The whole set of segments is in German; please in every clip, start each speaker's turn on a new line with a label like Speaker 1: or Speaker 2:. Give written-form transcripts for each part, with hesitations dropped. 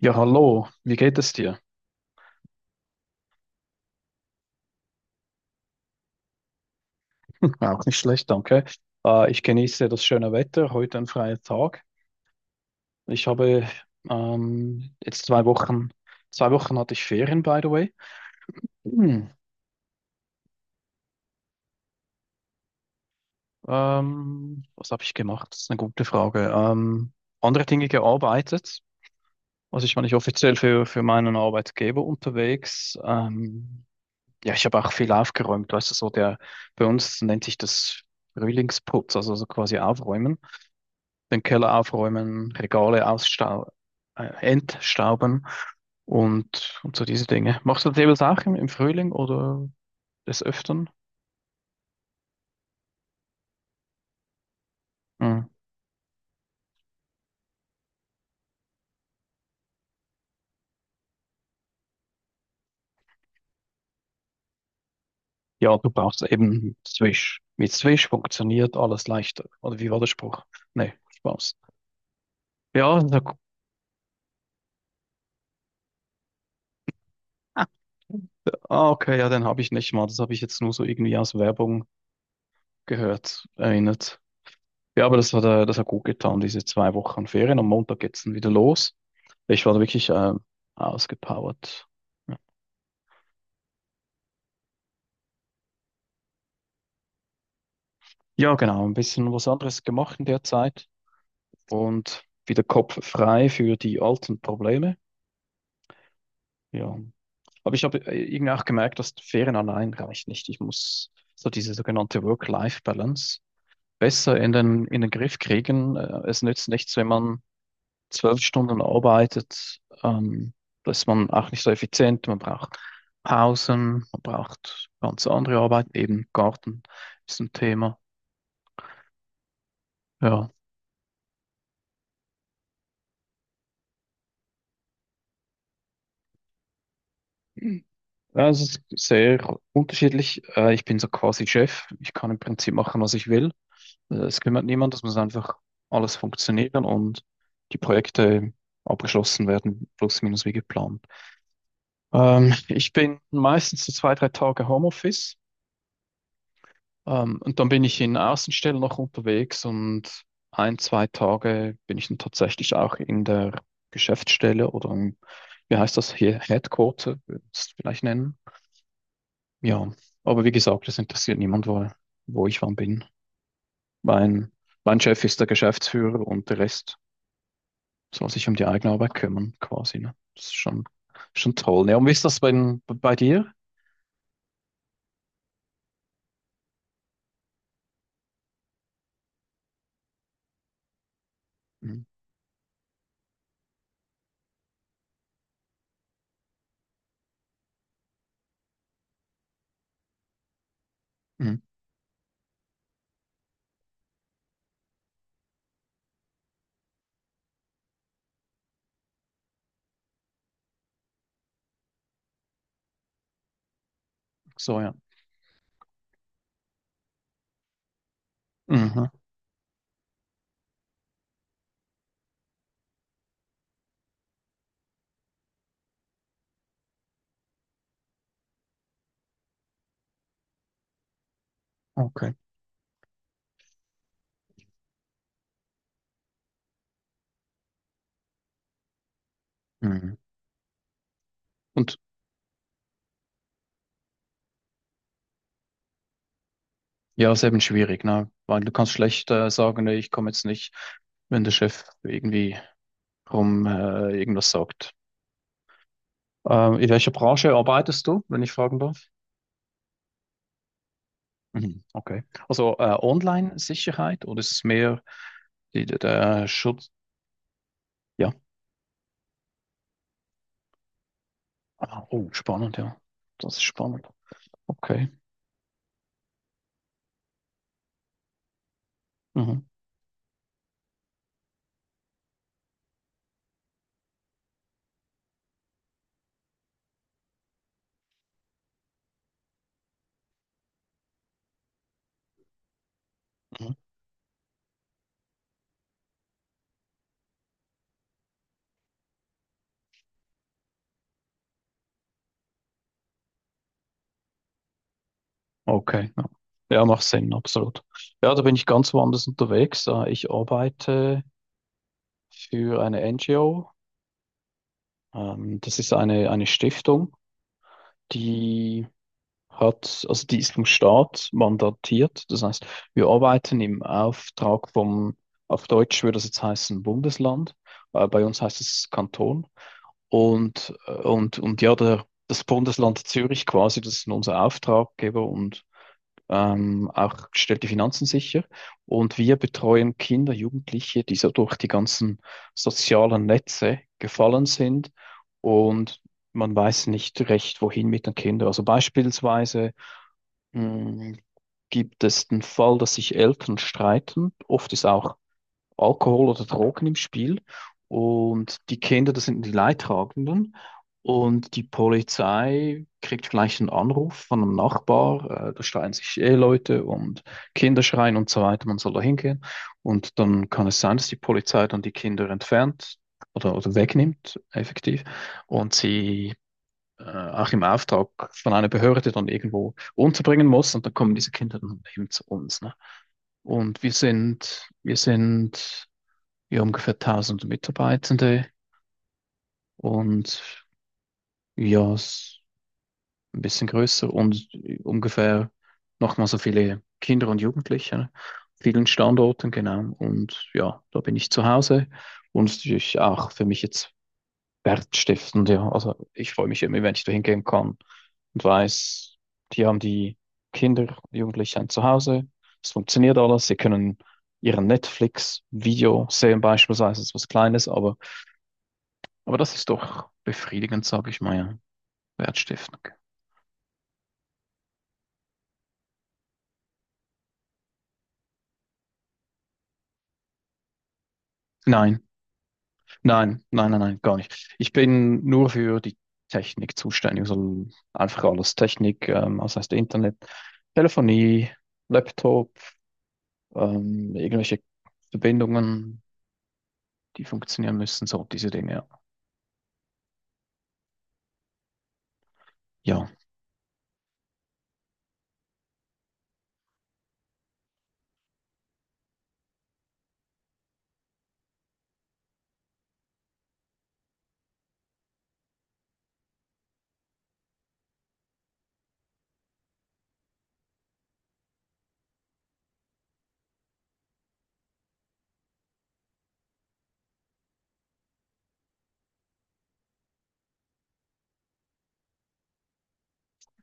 Speaker 1: Ja, hallo, wie geht es dir? Auch nicht schlecht, danke. Ich genieße das schöne Wetter, heute ein freier Tag. Ich habe jetzt zwei Wochen hatte ich Ferien, by the way. Hm, was habe ich gemacht? Das ist eine gute Frage. Andere Dinge gearbeitet. Also ich war nicht offiziell für meinen Arbeitgeber unterwegs. Ja, ich habe auch viel aufgeräumt, weißt du, so der, bei uns nennt sich das Frühlingsputz, also so quasi aufräumen. Den Keller aufräumen, Regale ausstau entstauben und so diese Dinge. Machst du das jeweils auch im Frühling oder des Öfteren? Hm. Ja, du brauchst eben Swish. Mit Swish funktioniert alles leichter. Oder wie war der Spruch? Nee, Spaß. Ja, da, ah, okay, ja, den habe ich nicht mal. Das habe ich jetzt nur so irgendwie aus Werbung gehört, erinnert. Ja, aber das hat gut getan, diese zwei Wochen Ferien. Am Montag geht's dann wieder los. Ich war da wirklich ausgepowert. Ja, ja, genau, ein bisschen was anderes gemacht in der Zeit und wieder Kopf frei für die alten Probleme. Ja. Aber ich habe irgendwie auch gemerkt, dass Ferien allein reicht nicht. Ich muss so diese sogenannte Work-Life-Balance besser in den Griff kriegen. Es nützt nichts, wenn man zwölf Stunden arbeitet, da ist man auch nicht so effizient. Man braucht Pausen, man braucht ganz andere Arbeiten, eben Garten ist ein Thema. Ja, ja, es ist sehr unterschiedlich. Ich bin so quasi Chef. Ich kann im Prinzip machen, was ich will. Es kümmert niemand, es muss einfach alles funktionieren und die Projekte abgeschlossen werden, plus minus wie geplant. Ich bin meistens so zwei, drei Tage Homeoffice. Und dann bin ich in Außenstelle noch unterwegs und ein, zwei Tage bin ich dann tatsächlich auch in der Geschäftsstelle oder im, wie heißt das hier, Headquarter, würde ich es vielleicht nennen. Ja, aber wie gesagt, das interessiert niemand, wo, wo ich wann bin. Mein, mein Chef ist der Geschäftsführer und der Rest soll sich um die eigene Arbeit kümmern, quasi. Ne? Das ist schon toll. Ne? Und wie ist das bei dir? Mhm. Mhm. So, ja. Mhm. Okay. Mhm. Und ja, ist eben schwierig, ne? Weil du kannst schlecht sagen, nee, ich komme jetzt nicht, wenn der Chef irgendwie rum irgendwas sagt. In welcher Branche arbeitest du, wenn ich fragen darf? Mhm, okay. Also Online-Sicherheit oder ist es mehr die, der Schutz? Ja. Ah, oh, spannend, ja. Das ist spannend. Okay. Mhm. Mhm. Okay. Ja. Ja, macht Sinn, absolut. Ja, da bin ich ganz woanders unterwegs. Ich arbeite für eine NGO. Das ist eine Stiftung, die hat, also die ist vom Staat mandatiert. Das heißt, wir arbeiten im Auftrag vom, auf Deutsch würde das jetzt heißen Bundesland, bei uns heißt es Kanton. Und, und ja, der, das Bundesland Zürich quasi, das ist unser Auftraggeber und auch stellt die Finanzen sicher. Und wir betreuen Kinder, Jugendliche, die so durch die ganzen sozialen Netze gefallen sind und man weiß nicht recht, wohin mit den Kindern. Also beispielsweise mh, gibt es den Fall, dass sich Eltern streiten. Oft ist auch Alkohol oder Drogen im Spiel. Und die Kinder, das sind die Leidtragenden. Und die Polizei kriegt vielleicht einen Anruf von einem Nachbar, da schreien sich Eheleute und Kinder schreien und so weiter, man soll da hingehen. Und dann kann es sein, dass die Polizei dann die Kinder entfernt oder wegnimmt, effektiv, und sie auch im Auftrag von einer Behörde dann irgendwo unterbringen muss. Und dann kommen diese Kinder dann eben zu uns. Ne? Und wir sind ja ungefähr tausend Mitarbeitende und ja, s- ein bisschen größer und ungefähr nochmal so viele Kinder und Jugendliche, an vielen Standorten, genau. Und ja, da bin ich zu Hause und natürlich auch für mich jetzt wertstiftend, ja. Also ich freue mich immer, wenn ich da hingehen kann und weiß, die haben die Kinder, Jugendliche ein Zuhause, es funktioniert alles, sie können ihren Netflix-Video sehen beispielsweise, das ist was Kleines, aber das ist doch befriedigend, sage ich mal, ja. Wertstiftung. Nein, nein, nein, nein, nein, gar nicht. Ich bin nur für die Technik zuständig, also einfach alles Technik, das heißt Internet, Telefonie, Laptop, irgendwelche Verbindungen, die funktionieren müssen, so diese Dinge. Ja, ja,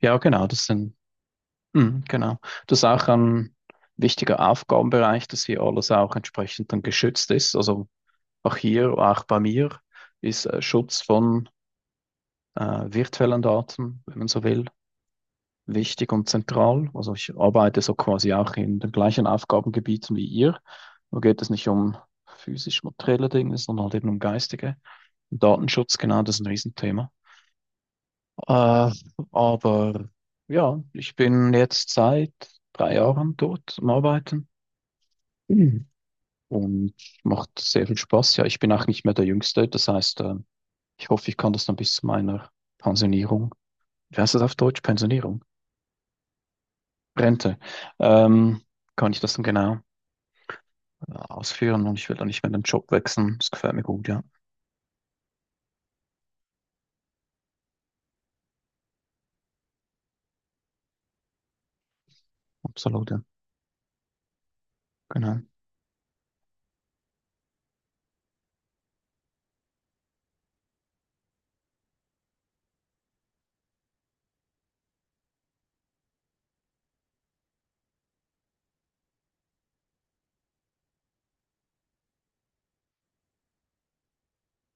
Speaker 1: ja, genau, das sind, mm, genau. Das ist auch ein wichtiger Aufgabenbereich, dass hier alles auch entsprechend dann geschützt ist. Also auch hier, auch bei mir, ist Schutz von äh, virtuellen Daten, wenn man so will, wichtig und zentral. Also ich arbeite so quasi auch in den gleichen Aufgabengebieten wie ihr. Da geht es nicht um physisch materielle Dinge, sondern halt eben um geistige. Datenschutz, genau, das ist ein Riesenthema. Äh, aber ja, ich bin jetzt seit drei Jahren dort am Arbeiten. Mhm. Und macht sehr viel Spaß. Ja, ich bin auch nicht mehr der Jüngste. Das heißt, ich hoffe, ich kann das dann bis zu meiner Pensionierung, wie heißt das auf Deutsch? Pensionierung? Rente. Ähm, Kann ich das dann genau ausführen und ich will dann nicht mehr den Job wechseln. Das gefällt mir gut, ja. Absolut, ja. Genau.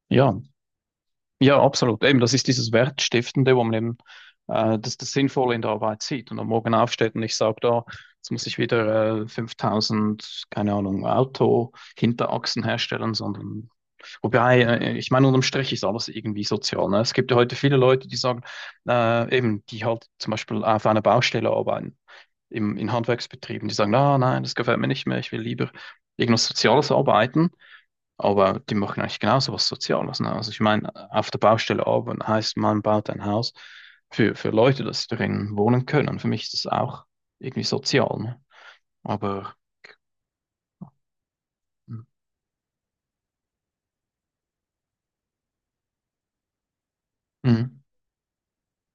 Speaker 1: Ja, ja, absolut. Eben, das ist dieses Wertstiftende, wo man eben das, das Sinnvolle in der Arbeit sieht und am Morgen aufsteht und ich sage da, jetzt muss ich wieder 5000, keine Ahnung, Auto-Hinterachsen herstellen, sondern wobei, ich meine, unterm Strich ist alles irgendwie sozial. Ne? Es gibt ja heute viele Leute, die sagen, eben, die halt zum Beispiel auf einer Baustelle arbeiten, im, in Handwerksbetrieben, die sagen, ah, nein, das gefällt mir nicht mehr, ich will lieber irgendwas Soziales arbeiten. Aber die machen eigentlich genauso was Soziales. Ne? Also ich meine, auf der Baustelle arbeiten heißt, man baut ein Haus für Leute, dass sie darin wohnen können. Für mich ist das auch irgendwie sozial. Ne? Aber mhm,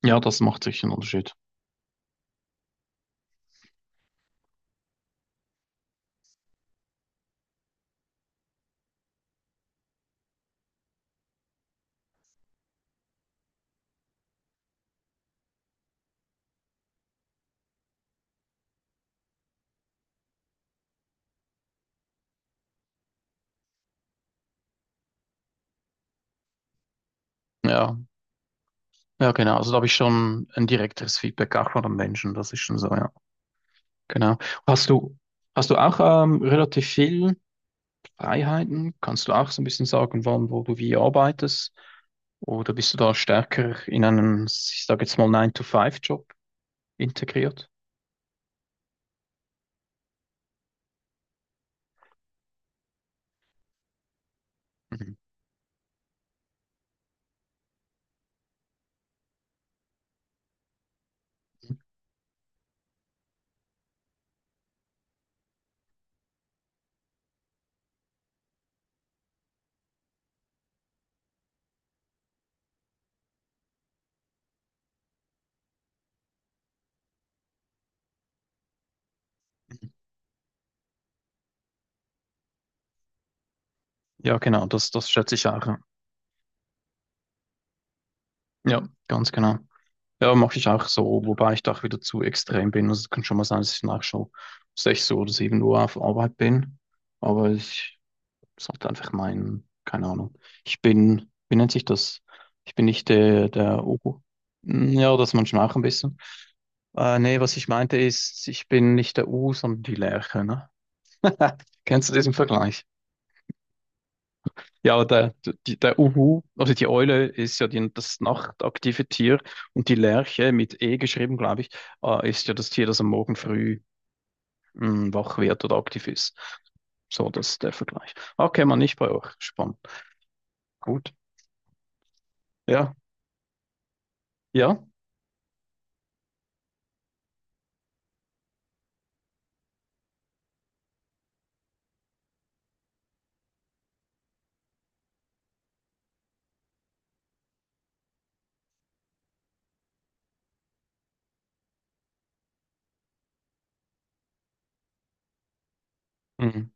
Speaker 1: ja, das macht sicher einen Unterschied. Ja, ja, genau. Also da habe ich schon ein direkteres Feedback auch von den Menschen. Das ist schon so, ja. Genau. Hast du, hast du auch relativ viel Freiheiten? Kannst du auch so ein bisschen sagen, wann, wo du wie arbeitest? Oder bist du da stärker in einen, ich sage jetzt mal Nine to Five job integriert? Mhm. Ja, genau, das schätze ich auch. Ja, ja, ganz genau. Ja, mache ich auch so, wobei ich da auch wieder zu extrem bin. Also es kann schon mal sein, dass ich nach schon 6 oder 7 Uhr auf Arbeit bin. Aber ich sollte einfach meinen, keine Ahnung. Ich bin, wie nennt sich das? Ich bin nicht der Ober. Ja, das manchmal auch ein bisschen. Nee, was ich meinte ist, ich bin nicht der Uhu, sondern die Lerche, ne? Kennst du diesen Vergleich? Ja, aber der Uhu, also die Eule ist ja die, das nachtaktive Tier und die Lerche mit E geschrieben, glaube ich, ist ja das Tier, das am Morgen früh wach wird oder aktiv ist. So, das ist der Vergleich. Okay, man nicht bei euch. Spannend. Gut. Ja, ja. Mhm.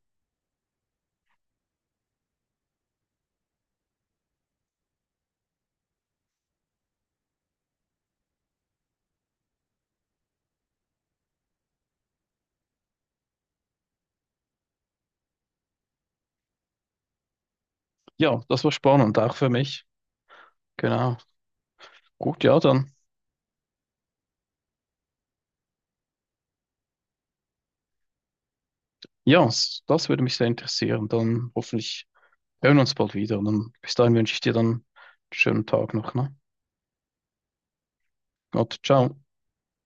Speaker 1: Ja, das war spannend, auch für mich. Genau. Gut, ja, dann. Ja, s- das würde mich sehr interessieren. Dann hoffentlich hören uns bald wieder. Und dann, bis dahin wünsche ich dir dann einen schönen Tag noch. Ne? Gott, ciao.